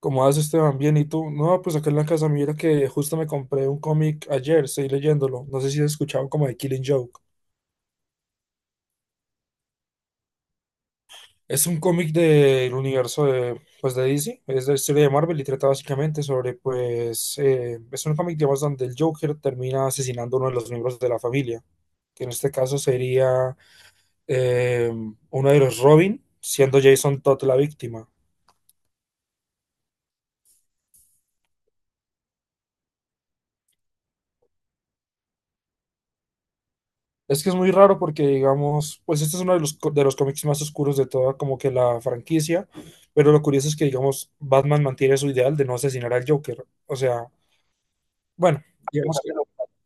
¿Cómo vas, Esteban? Bien, ¿y tú? No, pues acá en la casa, mira que justo me compré un cómic ayer, estoy leyéndolo. No sé si has escuchado como de Killing Joke. Es un cómic del universo de, pues, de DC, es la historia de Marvel y trata básicamente sobre, pues, es un cómic, digamos, donde el Joker termina asesinando a uno de los miembros de la familia, que en este caso sería eh, uno de los Robin, siendo Jason Todd la víctima. Es que es muy raro porque, digamos, pues este es uno de los, de los cómics más oscuros de toda como que la franquicia, pero lo curioso es que, digamos, Batman mantiene su ideal de no asesinar al Joker. O sea, bueno, digamos que...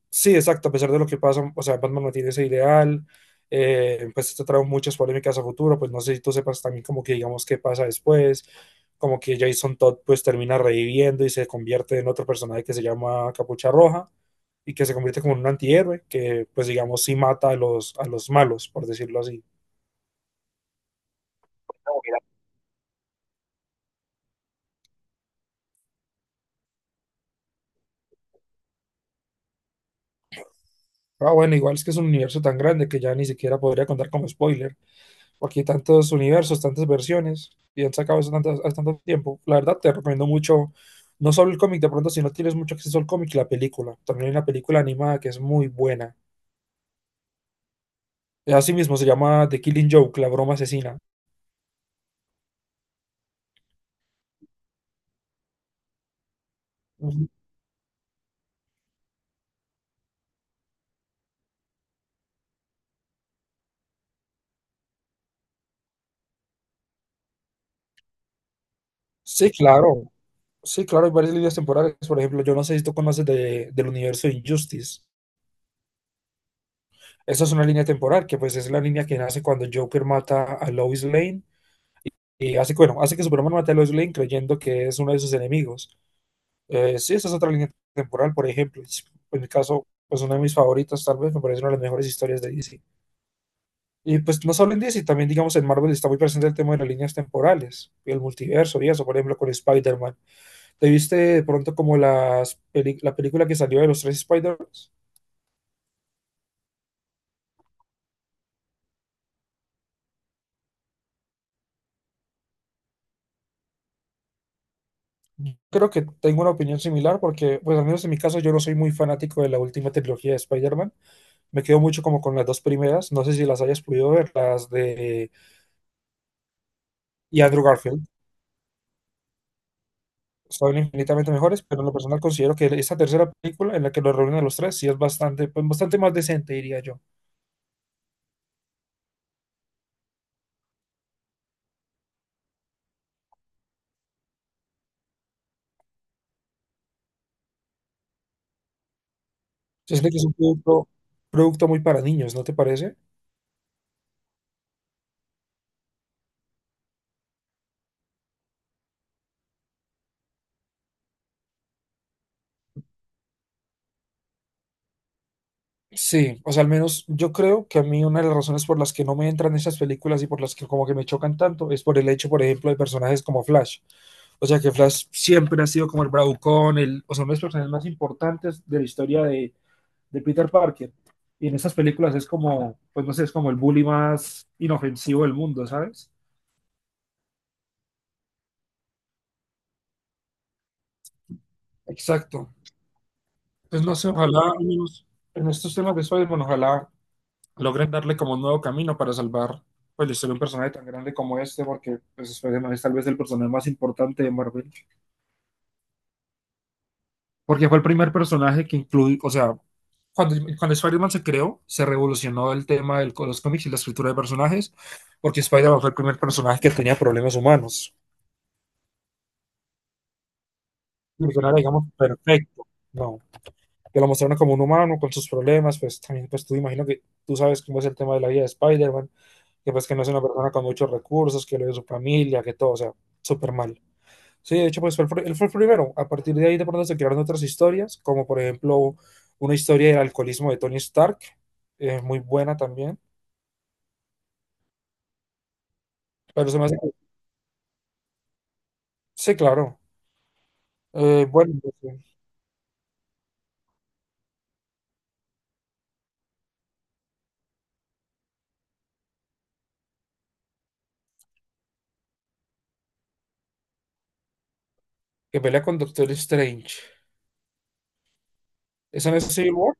Sí, exacto, a pesar de lo que pasa, o sea, Batman no tiene ese ideal, pues esto trae muchas polémicas a futuro, pues no sé si tú sepas también como que digamos qué pasa después, como que Jason Todd pues termina reviviendo y se convierte en otro personaje que se llama Capucha Roja y que se convierte como en un antihéroe, que pues digamos sí mata a los malos, por decirlo así. Ah, bueno, igual es que es un universo tan grande que ya ni siquiera podría contar como spoiler. Porque hay tantos universos, tantas versiones, y han sacado eso tanto, hace tanto tiempo. La verdad, te recomiendo mucho, no solo el cómic, de pronto, si no tienes mucho acceso al cómic, la película. También hay una película animada que es muy buena. Así mismo se llama The Killing Joke, la broma asesina. Ujú. Sí, claro. Sí, claro, hay varias líneas temporales. Por ejemplo, yo no sé si tú conoces del universo de Injustice. Esa es una línea temporal que pues es la línea que nace cuando Joker mata a Lois Lane y hace, bueno, hace que Superman mate a Lois Lane creyendo que es uno de sus enemigos. Sí, esa es otra línea temporal, por ejemplo. En mi caso, pues una de mis favoritas, tal vez, me parece una de las mejores historias de DC. Y pues no solo en DC, también digamos en Marvel está muy presente el tema de las líneas temporales y el multiverso y eso, por ejemplo, con Spider-Man. ¿Te viste de pronto como las la película que salió de los tres spider man? Creo que tengo una opinión similar porque, pues al menos en mi caso, yo no soy muy fanático de la última trilogía de Spider-Man. Me quedo mucho como con las dos primeras. No sé si las hayas podido ver, las de... Y Andrew Garfield. Son infinitamente mejores, pero en lo personal considero que esta tercera película en la que los reúnen a los tres sí es bastante, pues, bastante más decente, diría yo. Se siente que es un producto, producto muy para niños, ¿no te parece? Sí, o sea, al menos yo creo que a mí una de las razones por las que no me entran esas películas y por las que como que me chocan tanto es por el hecho, por ejemplo, de personajes como Flash. O sea, que Flash siempre ha sido como el bravucón, el, o sea, uno de los personajes más importantes de la historia de Peter Parker. Y en estas películas es como, pues no sé, es como el bully más inofensivo del mundo, ¿sabes? Exacto. Pues no sé, ojalá, al menos en estos temas de Spider-Man, bueno, ojalá logren darle como un nuevo camino para salvar pues, la historia de un personaje tan grande como este, porque pues, Spider-Man es tal vez el personaje más importante de Marvel. Porque fue el primer personaje que incluye, o sea, cuando Spider-Man se creó, se revolucionó el tema de los cómics y la escritura de personajes, porque Spider-Man fue el primer personaje que tenía problemas humanos. Porque no era, digamos, perfecto, no. Que lo mostraron como un humano con sus problemas, pues también, pues tú imagino que tú sabes cómo es el tema de la vida de Spider-Man, que pues que no es una persona con muchos recursos, que lo de su familia, que todo, o sea, súper mal. Sí, de hecho, pues fue el, él fue el primero. A partir de ahí, de pronto se crearon otras historias, como por ejemplo una historia del alcoholismo de Tony Stark, muy buena también. Pero se me hace. Sí, claro. Eh, bueno, pues, eh, que pelea con Doctor Strange. ¿Eso no es Civil War?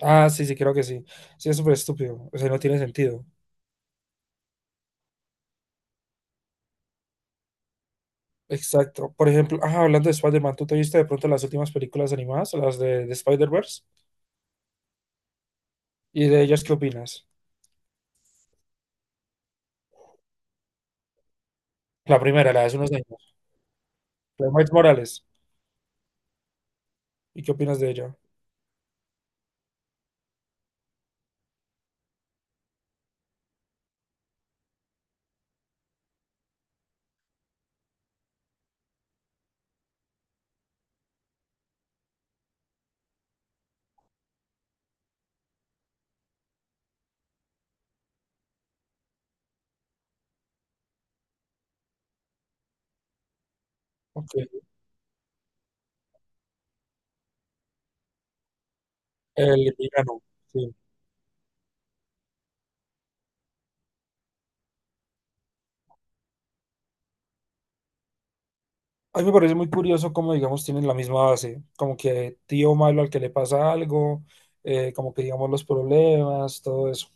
Ah, sí, sí, creo que sí. Sí, es súper estúpido. O sea, no tiene sentido. Exacto. Por ejemplo, ah, hablando de Spider-Man, ¿tú te viste de pronto las últimas películas animadas, las de Spider-Verse? ¿Y de ellas qué opinas? La primera, la de hace unos años, la de Miles Morales. ¿Y qué opinas de ella? Ok, el villano, sí. A mí me parece muy curioso cómo, digamos, tienen la misma base. Como que tío malo al que le pasa algo, como que, digamos, los problemas, todo eso.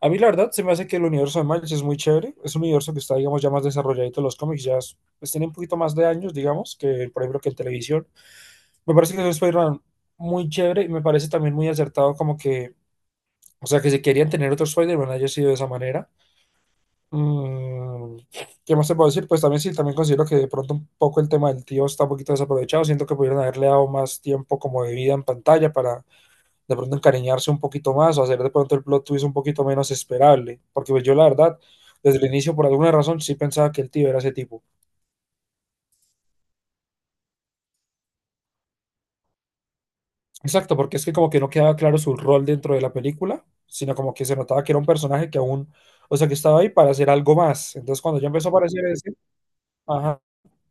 A mí la verdad se me hace que el universo de Miles es muy chévere, es un universo que está, digamos, ya más desarrolladito en los cómics, pues tiene un poquito más de años, digamos, que por ejemplo que en televisión. Me parece que es un Spider-Man muy chévere y me parece también muy acertado como que, o sea, que si querían tener otro Spider-Man haya sido de esa manera. Mm, ¿Qué más te puedo decir? Pues también sí, también considero que de pronto un poco el tema del tío está un poquito desaprovechado, siento que pudieran haberle dado más tiempo como de vida en pantalla para de pronto encariñarse un poquito más o hacer de pronto el plot twist un poquito menos esperable, porque pues yo la verdad, desde el inicio por alguna razón sí pensaba que el tío era ese tipo. Exacto, porque es que como que no quedaba claro su rol dentro de la película, sino como que se notaba que era un personaje que aún, o sea, que estaba ahí para hacer algo más. Entonces cuando ya empezó a aparecer ese, ajá,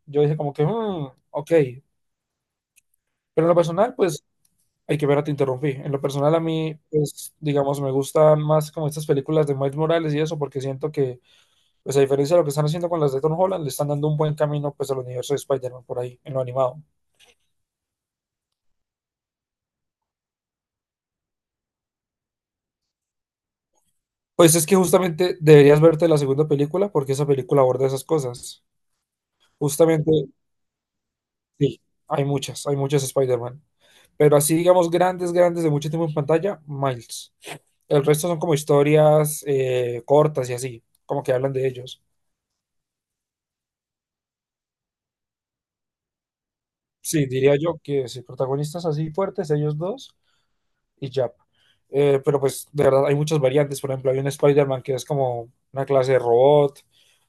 yo dije como que, "Mm, ok, pero en lo personal, pues...". Hay que ver, te interrumpí. En lo personal, a mí, pues, digamos, me gustan más como estas películas de Miles Morales y eso, porque siento que pues a diferencia de lo que están haciendo con las de Tom Holland, le están dando un buen camino pues al universo de Spider-Man por ahí, en lo animado. Pues es que justamente deberías verte la segunda película porque esa película aborda esas cosas. Justamente, sí, hay muchas Spider-Man. Pero así, digamos, grandes, grandes de mucho tiempo en pantalla, Miles. El resto son como historias cortas y así, como que hablan de ellos. Sí, diría yo que sí, protagonistas así fuertes, ellos dos, y ya. Pero pues de verdad hay muchas variantes. Por ejemplo, hay un Spider-Man que es como una clase de robot,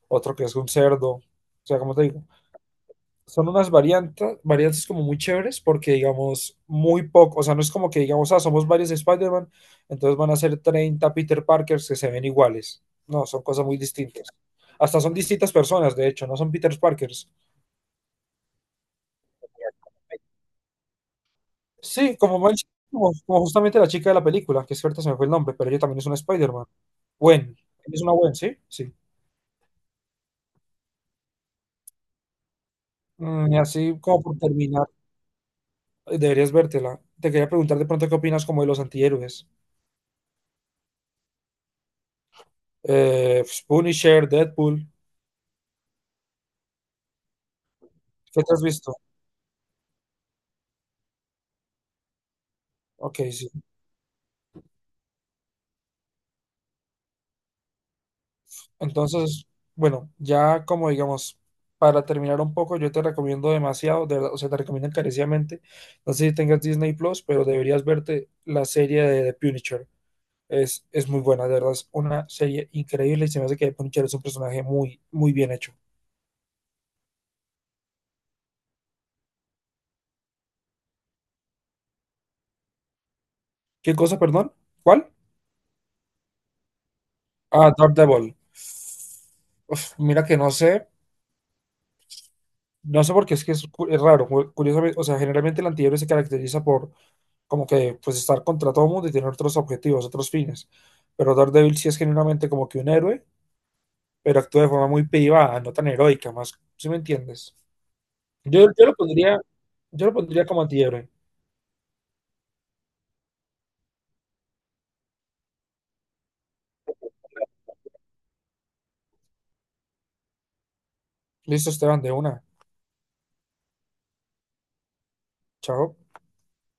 otro que es un cerdo. O sea, como te digo, son unas variantes, variantes como muy chéveres porque digamos muy poco, o sea, no es como que digamos, ah, somos varios Spider-Man, entonces van a ser 30 Peter Parkers que se ven iguales. No, son cosas muy distintas. Hasta son distintas personas, de hecho, no son Peter Parkers. Sí, como Miles- como, como justamente la chica de la película, que es cierto, se me fue el nombre, pero ella también es una Spider-Man. Gwen, es una Gwen, ¿sí? Sí. Mm, y así como por terminar, deberías vértela. Te quería preguntar de pronto qué opinas como de los antihéroes. Pues, Punisher, Deadpool, ¿qué te has visto? Ok, sí. Entonces, bueno, ya como digamos, para terminar un poco, yo te recomiendo demasiado, de verdad, o sea, te recomiendo encarecidamente. No sé si tengas Disney Plus, pero deberías verte la serie de The Punisher. Es muy buena, de verdad, es una serie increíble y se me hace que Punisher es un personaje muy, muy bien hecho. ¿Qué cosa, perdón? ¿Cuál? Ah, Daredevil. Uf, mira que no sé, no sé por qué es que es, es raro, curiosamente, o sea, generalmente el antihéroe se caracteriza por como que pues estar contra todo mundo y tener otros objetivos, otros fines, pero Daredevil sí es genuinamente como que un héroe, pero actúa de forma muy privada, no tan heroica, más, ¿si me entiendes? Yo, yo lo pondría, yo lo pondría como antihéroe. Listo, Esteban, de una. Chao.